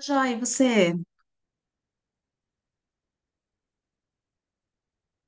Joia, e você?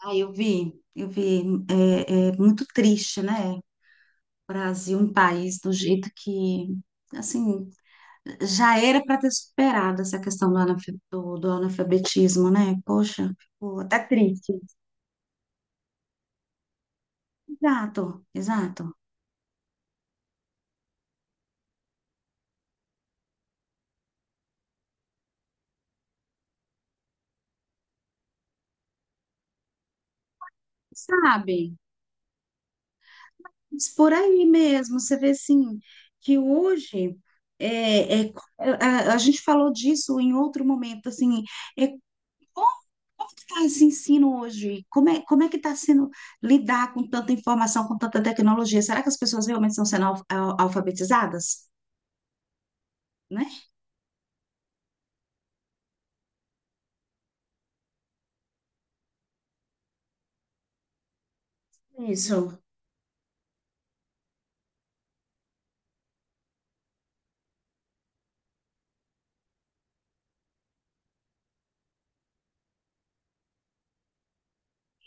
Ah, eu vi, eu vi. É muito triste, né? Brasil, um país do jeito que, assim, já era para ter superado essa questão do analfabetismo, né? Poxa, ficou até triste. Exato, exato. Sabe? Mas por aí mesmo, você vê assim, que hoje é, é, a gente falou disso em outro momento, assim, é, como, como que está esse ensino hoje? Como é que está sendo lidar com tanta informação, com tanta tecnologia? Será que as pessoas realmente estão sendo alfabetizadas? Né? Isso.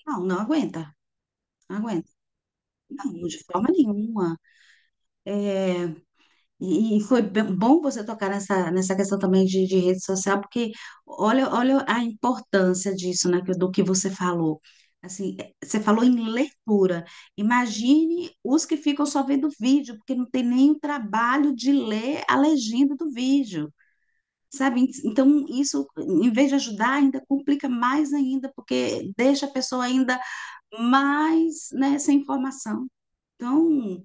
Não, não aguenta, não aguenta. Não, de forma nenhuma. É, E, e foi bom você tocar nessa questão também de rede social, porque olha a importância disso, né, do que você falou. Assim, você falou em leitura. Imagine os que ficam só vendo vídeo, porque não tem nem o trabalho de ler a legenda do vídeo, sabe? Então, isso, em vez de ajudar, ainda complica mais ainda, porque deixa a pessoa ainda mais, né, sem informação. Então,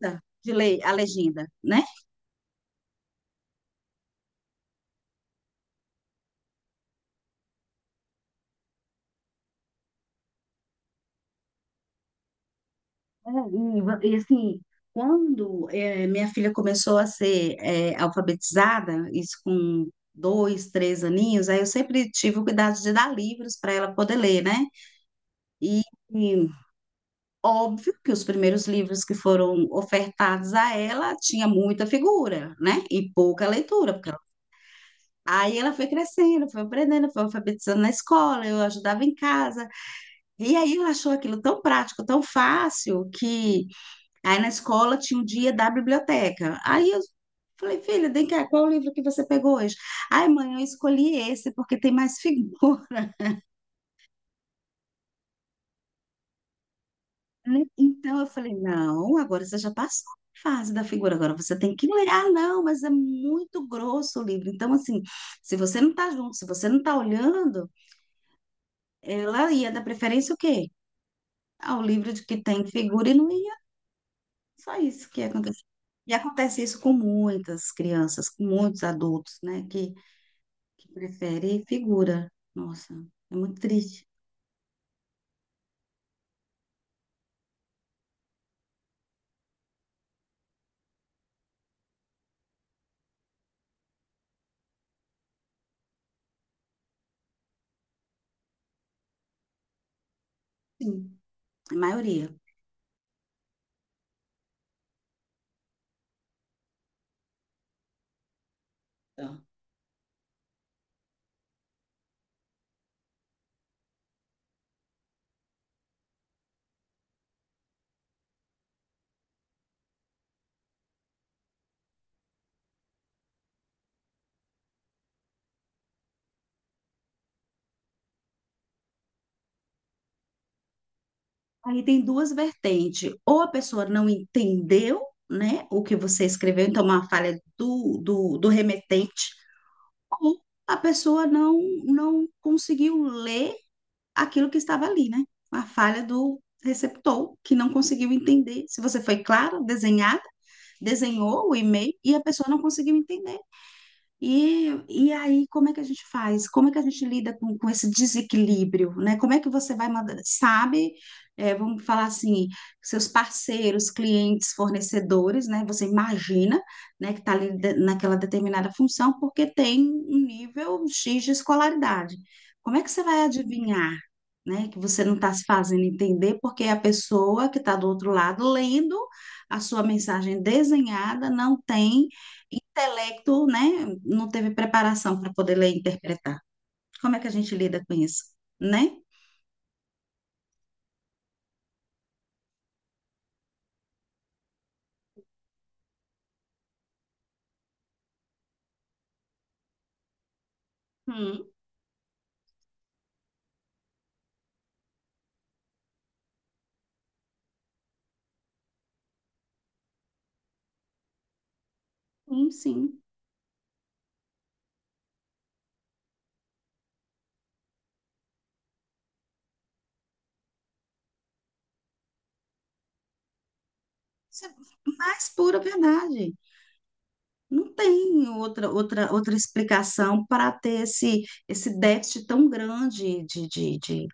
tá, de ler a legenda, né? Assim, quando minha filha começou a ser alfabetizada, isso com dois, três aninhos, aí eu sempre tive o cuidado de dar livros para ela poder ler, né? E, e óbvio que os primeiros livros que foram ofertados a ela tinha muita figura, né? E pouca leitura, porque aí ela foi crescendo, foi aprendendo, foi alfabetizando na escola, eu ajudava em casa. E aí ela achou aquilo tão prático, tão fácil, que aí na escola tinha o dia da biblioteca. Aí eu falei, filha, vem cá, qual o livro que você pegou hoje? Ai, mãe, eu escolhi esse porque tem mais figura, né? Então eu falei, não, agora você já passou a fase da figura, agora você tem que ler. Ah, não, mas é muito grosso o livro. Então, assim, se você não tá junto, se você não tá olhando, ela ia dar preferência o quê? Ao livro de que tem figura e não ia. Só isso que ia acontecer. E acontece isso com muitas crianças, com muitos adultos, né? Que prefere figura. Nossa, é muito triste. Sim, a maioria. Tá. Aí tem duas vertentes. Ou a pessoa não entendeu, né, o que você escreveu, então é uma falha do remetente, ou a pessoa não, não conseguiu ler aquilo que estava ali, né? Uma falha do receptor, que não conseguiu entender. Se você foi claro, desenhada, desenhou o e-mail e a pessoa não conseguiu entender. E aí, como é que a gente faz? Como é que a gente lida com esse desequilíbrio, né? Como é que você vai mandar, sabe? É, vamos falar assim, seus parceiros, clientes, fornecedores, né? Você imagina, né, que está ali naquela determinada função porque tem um nível X de escolaridade. Como é que você vai adivinhar, né, que você não está se fazendo entender porque a pessoa que está do outro lado lendo a sua mensagem desenhada não tem intelecto, né, não teve preparação para poder ler e interpretar. Como é que a gente lida com isso, né? Hum, sim. Isso é mais pura verdade. Não tem outra explicação para ter esse déficit tão grande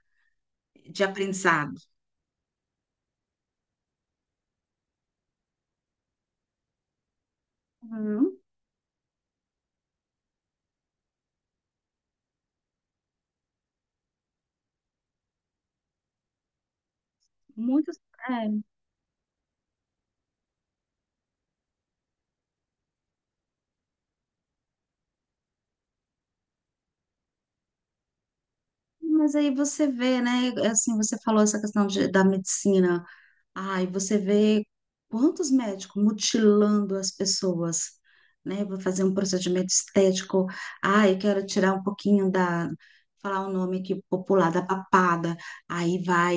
de aprendizado. Hum, muitos, é. Mas aí você vê, né? Assim, você falou essa questão da medicina. Ai, você vê quantos médicos mutilando as pessoas, né? Vou fazer um procedimento estético. Ai, quero tirar um pouquinho falar o nome aqui popular, da papada. Aí vai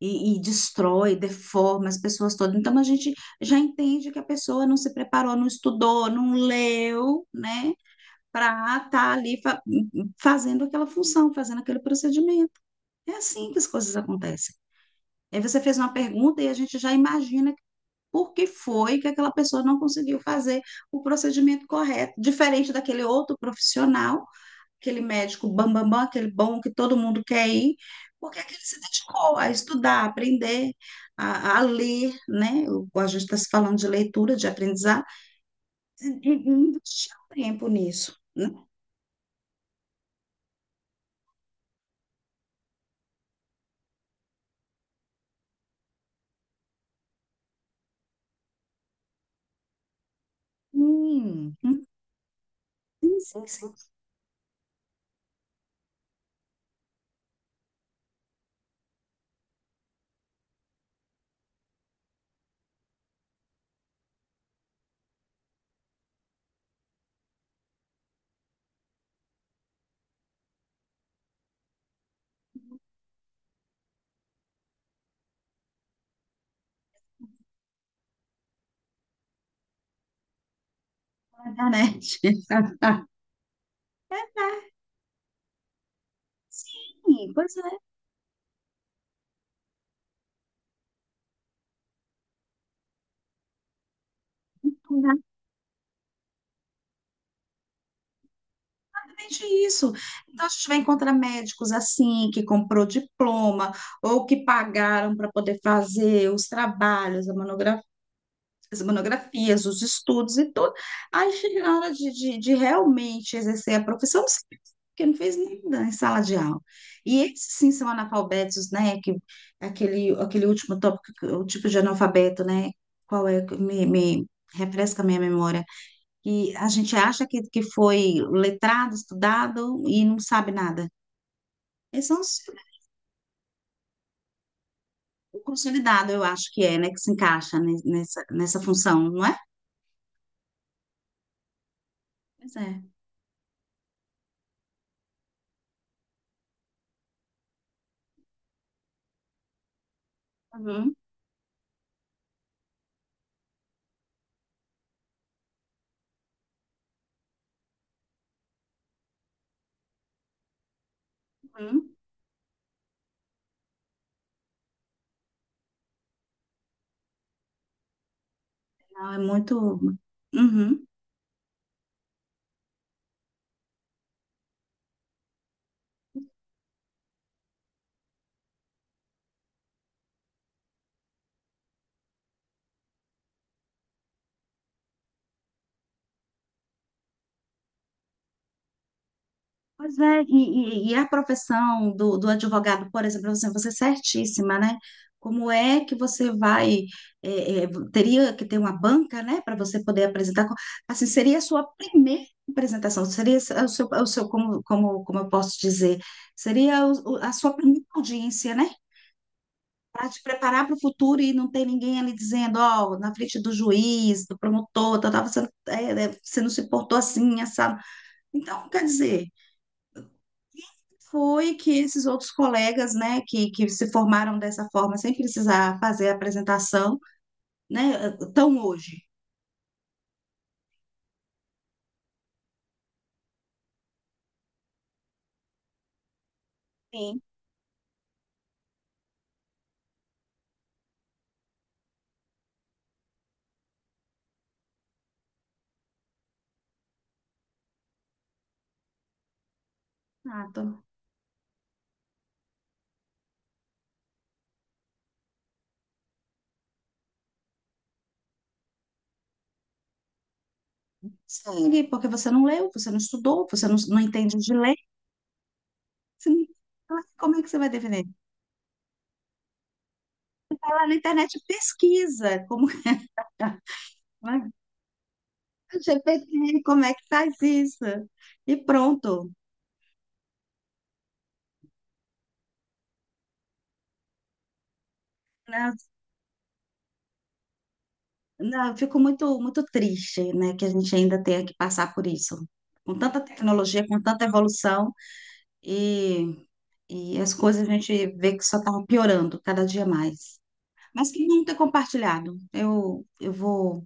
e destrói, deforma as pessoas todas. Então a gente já entende que a pessoa não se preparou, não estudou, não leu, né? Para estar ali fazendo aquela função, fazendo aquele procedimento. É assim que as coisas acontecem. Aí você fez uma pergunta e a gente já imagina por que foi que aquela pessoa não conseguiu fazer o procedimento correto, diferente daquele outro profissional, aquele médico bam, bam, bam, aquele bom que todo mundo quer ir, porque aquele se dedicou a estudar, a aprender, a ler, né? A gente está se falando de leitura, de aprendizado, e investir tempo nisso. Né? Hum, hum, sim, sim, sim, na internet. Sim, pois é. Exatamente isso. Então, a gente vai encontrar médicos assim, que comprou diploma, ou que pagaram para poder fazer os trabalhos, a as monografias, os estudos e tudo. Aí chega na hora de realmente exercer a profissão, não sei, porque não fez nada em sala de aula. E esses sim são analfabetos, né? Que, aquele último tópico, o tipo de analfabeto, né? Qual é? Me refresca a minha memória. E a gente acha que foi letrado, estudado e não sabe nada. Eles são o consolidado, eu acho que é, né? Que se encaixa nessa, nessa função, não é? Pois é. Uhum, uhum. Não, é muito. Uhum. Pois é, e a profissão do, do advogado, por exemplo, assim, você é certíssima, né? Como é que você vai, é, é, teria que ter uma banca, né, para você poder apresentar? Assim, seria a sua primeira apresentação, seria o seu como eu posso dizer, seria a sua primeira audiência, né? Para te preparar para o futuro e não ter ninguém ali dizendo, ó, na frente do juiz, do promotor, tal, tal, você, é, é, você não se portou assim, assado. Então, quer dizer foi que esses outros colegas, né, que se formaram dessa forma, sem precisar fazer a apresentação, né, estão hoje. Sim. Exato. Segue, porque você não leu, você não estudou, você não, não entende de ler. Você não- Ah, como é que você vai defender? Vai na internet pesquisa, como né? GPT, como é que faz isso? E pronto. Né? Não, eu fico muito, muito triste, né, que a gente ainda tenha que passar por isso. Com tanta tecnologia, com tanta evolução, e E as coisas a gente vê que só estavam piorando cada dia mais. Mas que bom ter compartilhado. Eu vou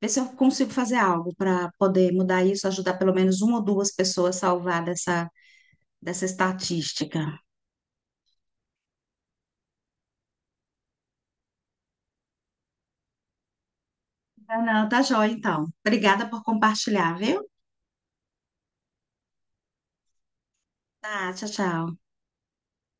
ver se eu consigo fazer algo para poder mudar isso, ajudar pelo menos uma ou duas pessoas a salvar dessa, dessa estatística. Tá, não, tá joia, então. Obrigada por compartilhar, viu? Tá, tchau, tchau.